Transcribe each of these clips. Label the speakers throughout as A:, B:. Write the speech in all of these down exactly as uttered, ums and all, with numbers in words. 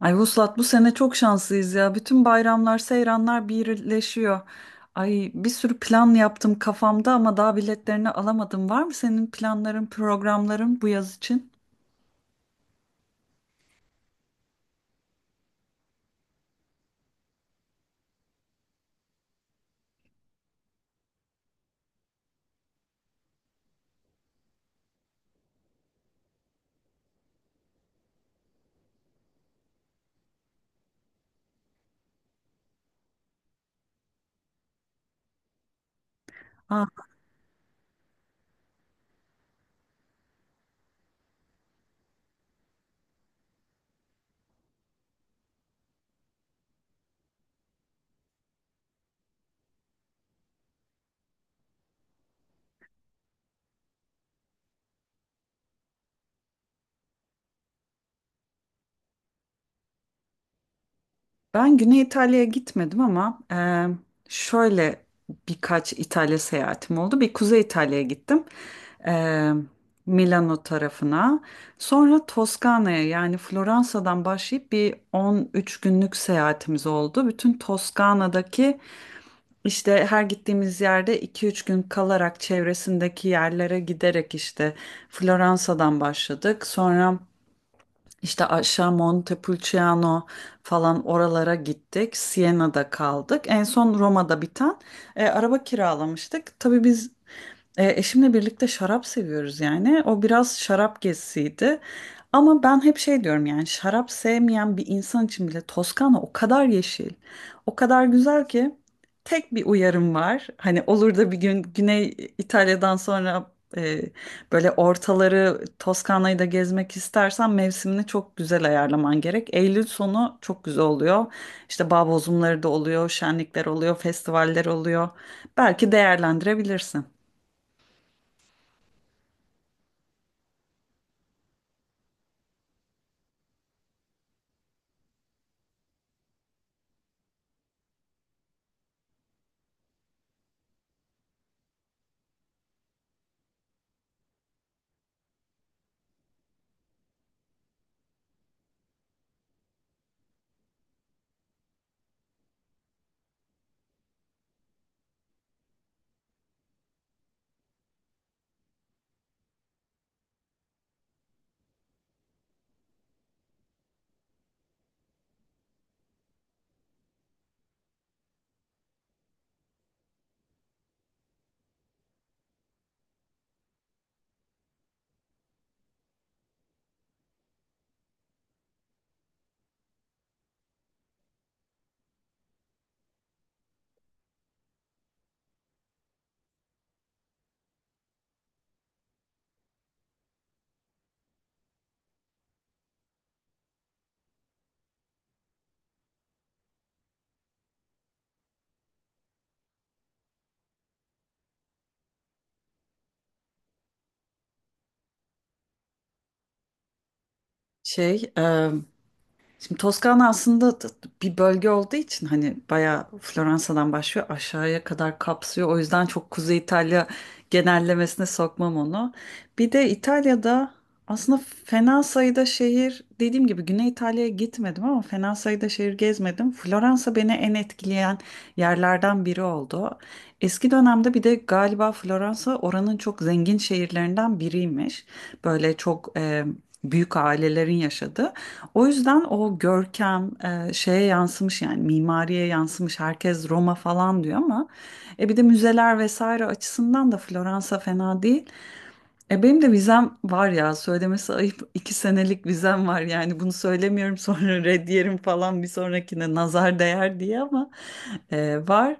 A: Ay Vuslat, bu sene çok şanslıyız ya. Bütün bayramlar, seyranlar birleşiyor. Ay, bir sürü plan yaptım kafamda ama daha biletlerini alamadım. Var mı senin planların, programların bu yaz için? Ah, ben Güney İtalya'ya gitmedim ama eee, şöyle birkaç İtalya seyahatim oldu. Bir Kuzey İtalya'ya gittim. Eee, Milano tarafına. Sonra Toskana'ya, yani Floransa'dan başlayıp bir on üç günlük seyahatimiz oldu. Bütün Toskana'daki, İşte her gittiğimiz yerde iki üç gün kalarak çevresindeki yerlere giderek işte Floransa'dan başladık. Sonra işte aşağı Montepulciano falan oralara gittik. Siena'da kaldık. En son Roma'da biten e, araba kiralamıştık. Tabii biz e, eşimle birlikte şarap seviyoruz yani. O biraz şarap gezisiydi. Ama ben hep şey diyorum, yani şarap sevmeyen bir insan için bile Toskana o kadar yeşil, o kadar güzel ki tek bir uyarım var. Hani olur da bir gün Güney İtalya'dan sonra e, böyle ortaları, Toskana'yı da gezmek istersen mevsimini çok güzel ayarlaman gerek. Eylül sonu çok güzel oluyor. İşte bağ bozumları da oluyor, şenlikler oluyor, festivaller oluyor. Belki değerlendirebilirsin. Şey, e, Şimdi Toskana aslında t- bir bölge olduğu için hani bayağı Floransa'dan başlıyor, aşağıya kadar kapsıyor. O yüzden çok Kuzey İtalya genellemesine sokmam onu. Bir de İtalya'da aslında fena sayıda şehir, dediğim gibi Güney İtalya'ya gitmedim ama fena sayıda şehir gezmedim. Floransa beni en etkileyen yerlerden biri oldu. Eski dönemde, bir de galiba Floransa oranın çok zengin şehirlerinden biriymiş. Böyle çok e, büyük ailelerin yaşadığı. O yüzden o görkem e, şeye yansımış, yani mimariye yansımış. Herkes Roma falan diyor ama e, bir de müzeler vesaire açısından da Floransa fena değil. E, benim de vizem var ya, söylemesi ayıp, iki senelik vizem var. Yani bunu söylemiyorum sonra red yerim falan, bir sonrakine nazar değer diye, ama e, var.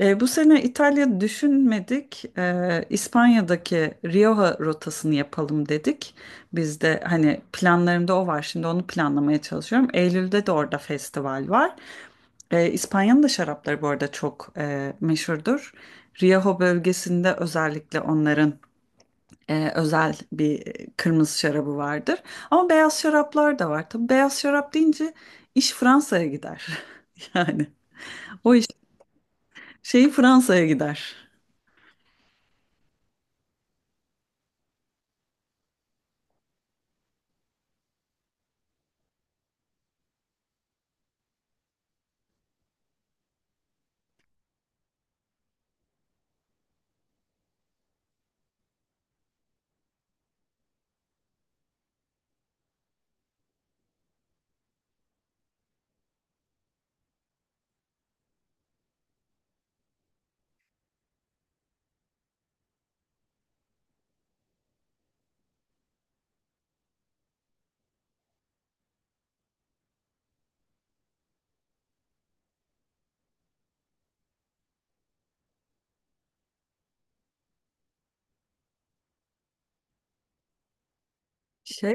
A: E, bu sene İtalya düşünmedik. E, İspanya'daki Rioja rotasını yapalım dedik. Biz de hani planlarımda o var. Şimdi onu planlamaya çalışıyorum. Eylül'de de orada festival var. E, İspanya'nın da şarapları bu arada çok e, meşhurdur. Rioja bölgesinde özellikle onların e, özel bir e, kırmızı şarabı vardır. Ama beyaz şaraplar da var. Tabii beyaz şarap deyince iş Fransa'ya gider. Yani o iş şeyi Fransa'ya gider. Şey,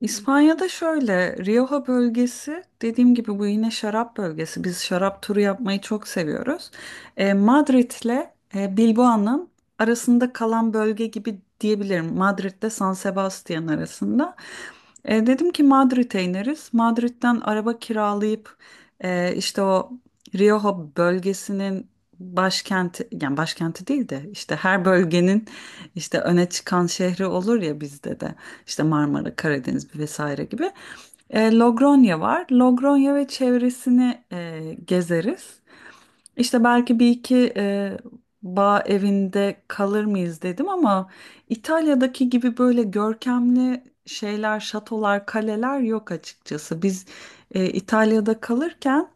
A: İspanya'da şöyle, Rioja bölgesi dediğim gibi bu yine şarap bölgesi. Biz şarap turu yapmayı çok seviyoruz. E, Madrid'le e, Bilbao'nun arasında kalan bölge gibi diyebilirim. Madrid'de San Sebastian arasında. E, dedim ki Madrid'e ineriz. Madrid'den araba kiralayıp e, işte o Rioja bölgesinin başkenti, yani başkenti değil de işte her bölgenin işte öne çıkan şehri olur ya, bizde de. İşte Marmara, Karadeniz vesaire gibi. E, Logronya var. Logronya ve çevresini e, gezeriz. İşte belki bir iki e, bağ evinde kalır mıyız dedim ama İtalya'daki gibi böyle görkemli şeyler, şatolar, kaleler yok açıkçası. Biz e, İtalya'da kalırken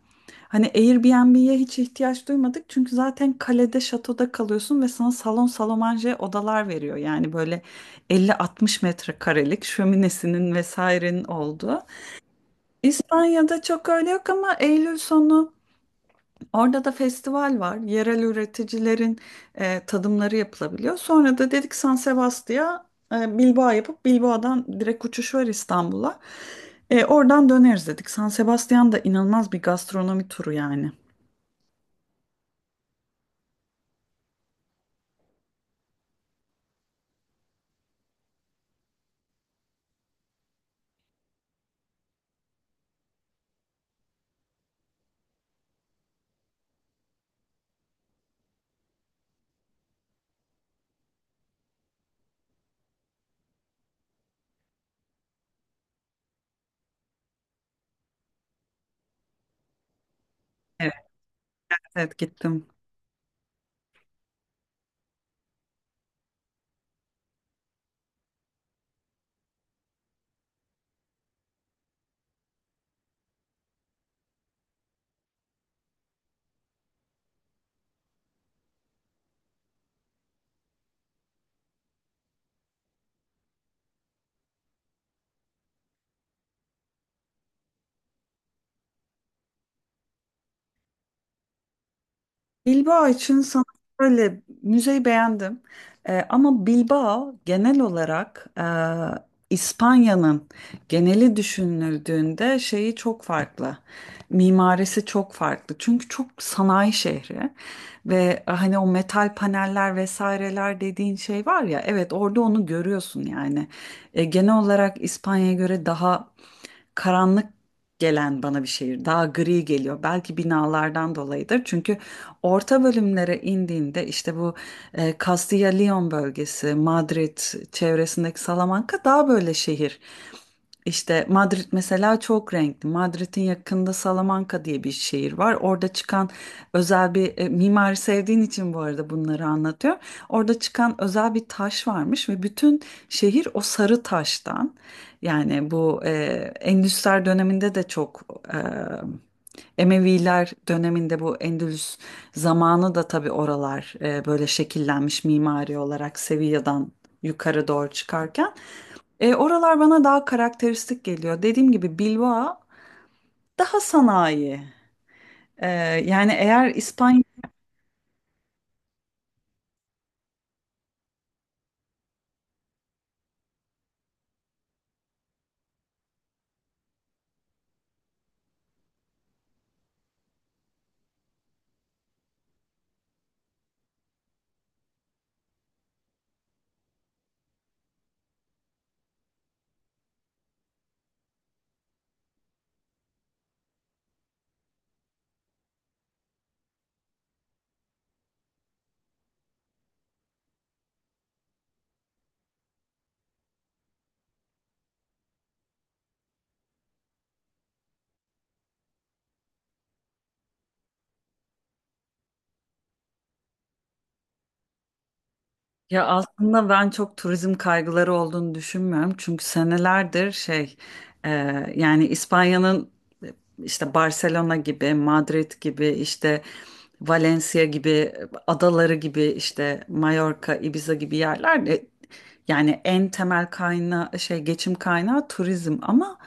A: hani Airbnb'ye hiç ihtiyaç duymadık çünkü zaten kalede, şatoda kalıyorsun ve sana salon salomanje odalar veriyor. Yani böyle elli altmış metrekarelik, şöminesinin vesairenin olduğu. İspanya'da çok öyle yok ama Eylül sonu orada da festival var. Yerel üreticilerin e, tadımları yapılabiliyor. Sonra da dedik San Sebastian'a e, Bilbao yapıp Bilbao'dan direkt uçuş var İstanbul'a. E, oradan döneriz dedik. San Sebastian da inanılmaz bir gastronomi turu yani. Evet, evet gittim. Bilbao için sana böyle, müzeyi beğendim. Ee, ama Bilbao genel olarak, e, İspanya'nın geneli düşünüldüğünde, şeyi çok farklı. Mimarisi çok farklı. Çünkü çok sanayi şehri ve e, hani o metal paneller vesaireler dediğin şey var ya, evet, orada onu görüyorsun yani. E, genel olarak İspanya'ya göre daha karanlık gelen bana bir şehir. Daha gri geliyor. Belki binalardan dolayıdır. Çünkü orta bölümlere indiğinde işte bu e, Castilla-Leon bölgesi, Madrid çevresindeki Salamanca daha böyle şehir. İşte Madrid mesela çok renkli. Madrid'in yakında Salamanca diye bir şehir var. Orada çıkan özel bir e, mimari sevdiğin için bu arada bunları anlatıyor. Orada çıkan özel bir taş varmış ve bütün şehir o sarı taştan. Yani bu e, Endüsler döneminde de çok e, Emeviler döneminde bu Endülüs zamanı da tabii oralar e, böyle şekillenmiş mimari olarak, Sevilla'dan yukarı doğru çıkarken. E, oralar bana daha karakteristik geliyor. Dediğim gibi Bilbao daha sanayi. E, yani eğer İspanya, ya aslında ben çok turizm kaygıları olduğunu düşünmüyorum. Çünkü senelerdir şey, e, yani İspanya'nın, e, işte Barcelona gibi, Madrid gibi, işte Valencia gibi, e, adaları gibi, işte Mallorca, Ibiza gibi yerler de, yani en temel kaynağı şey, geçim kaynağı turizm, ama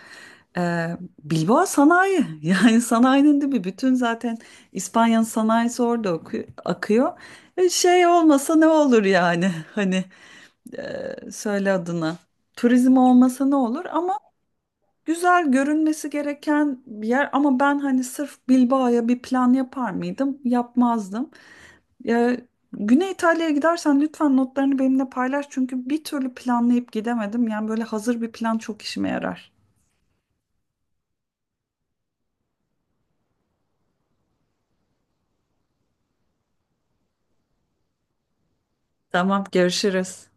A: e, Bilbao sanayi. Yani sanayinin de bir bütün, zaten İspanya'nın sanayisi orada akıyor. akıyor. E, şey olmasa ne olur yani, hani e, söyle adına, turizm olmasa ne olur, ama güzel görünmesi gereken bir yer. Ama ben hani sırf Bilbao'ya bir plan yapar mıydım, yapmazdım. E, Güney İtalya'ya gidersen lütfen notlarını benimle paylaş çünkü bir türlü planlayıp gidemedim, yani böyle hazır bir plan çok işime yarar. Tamam, görüşürüz.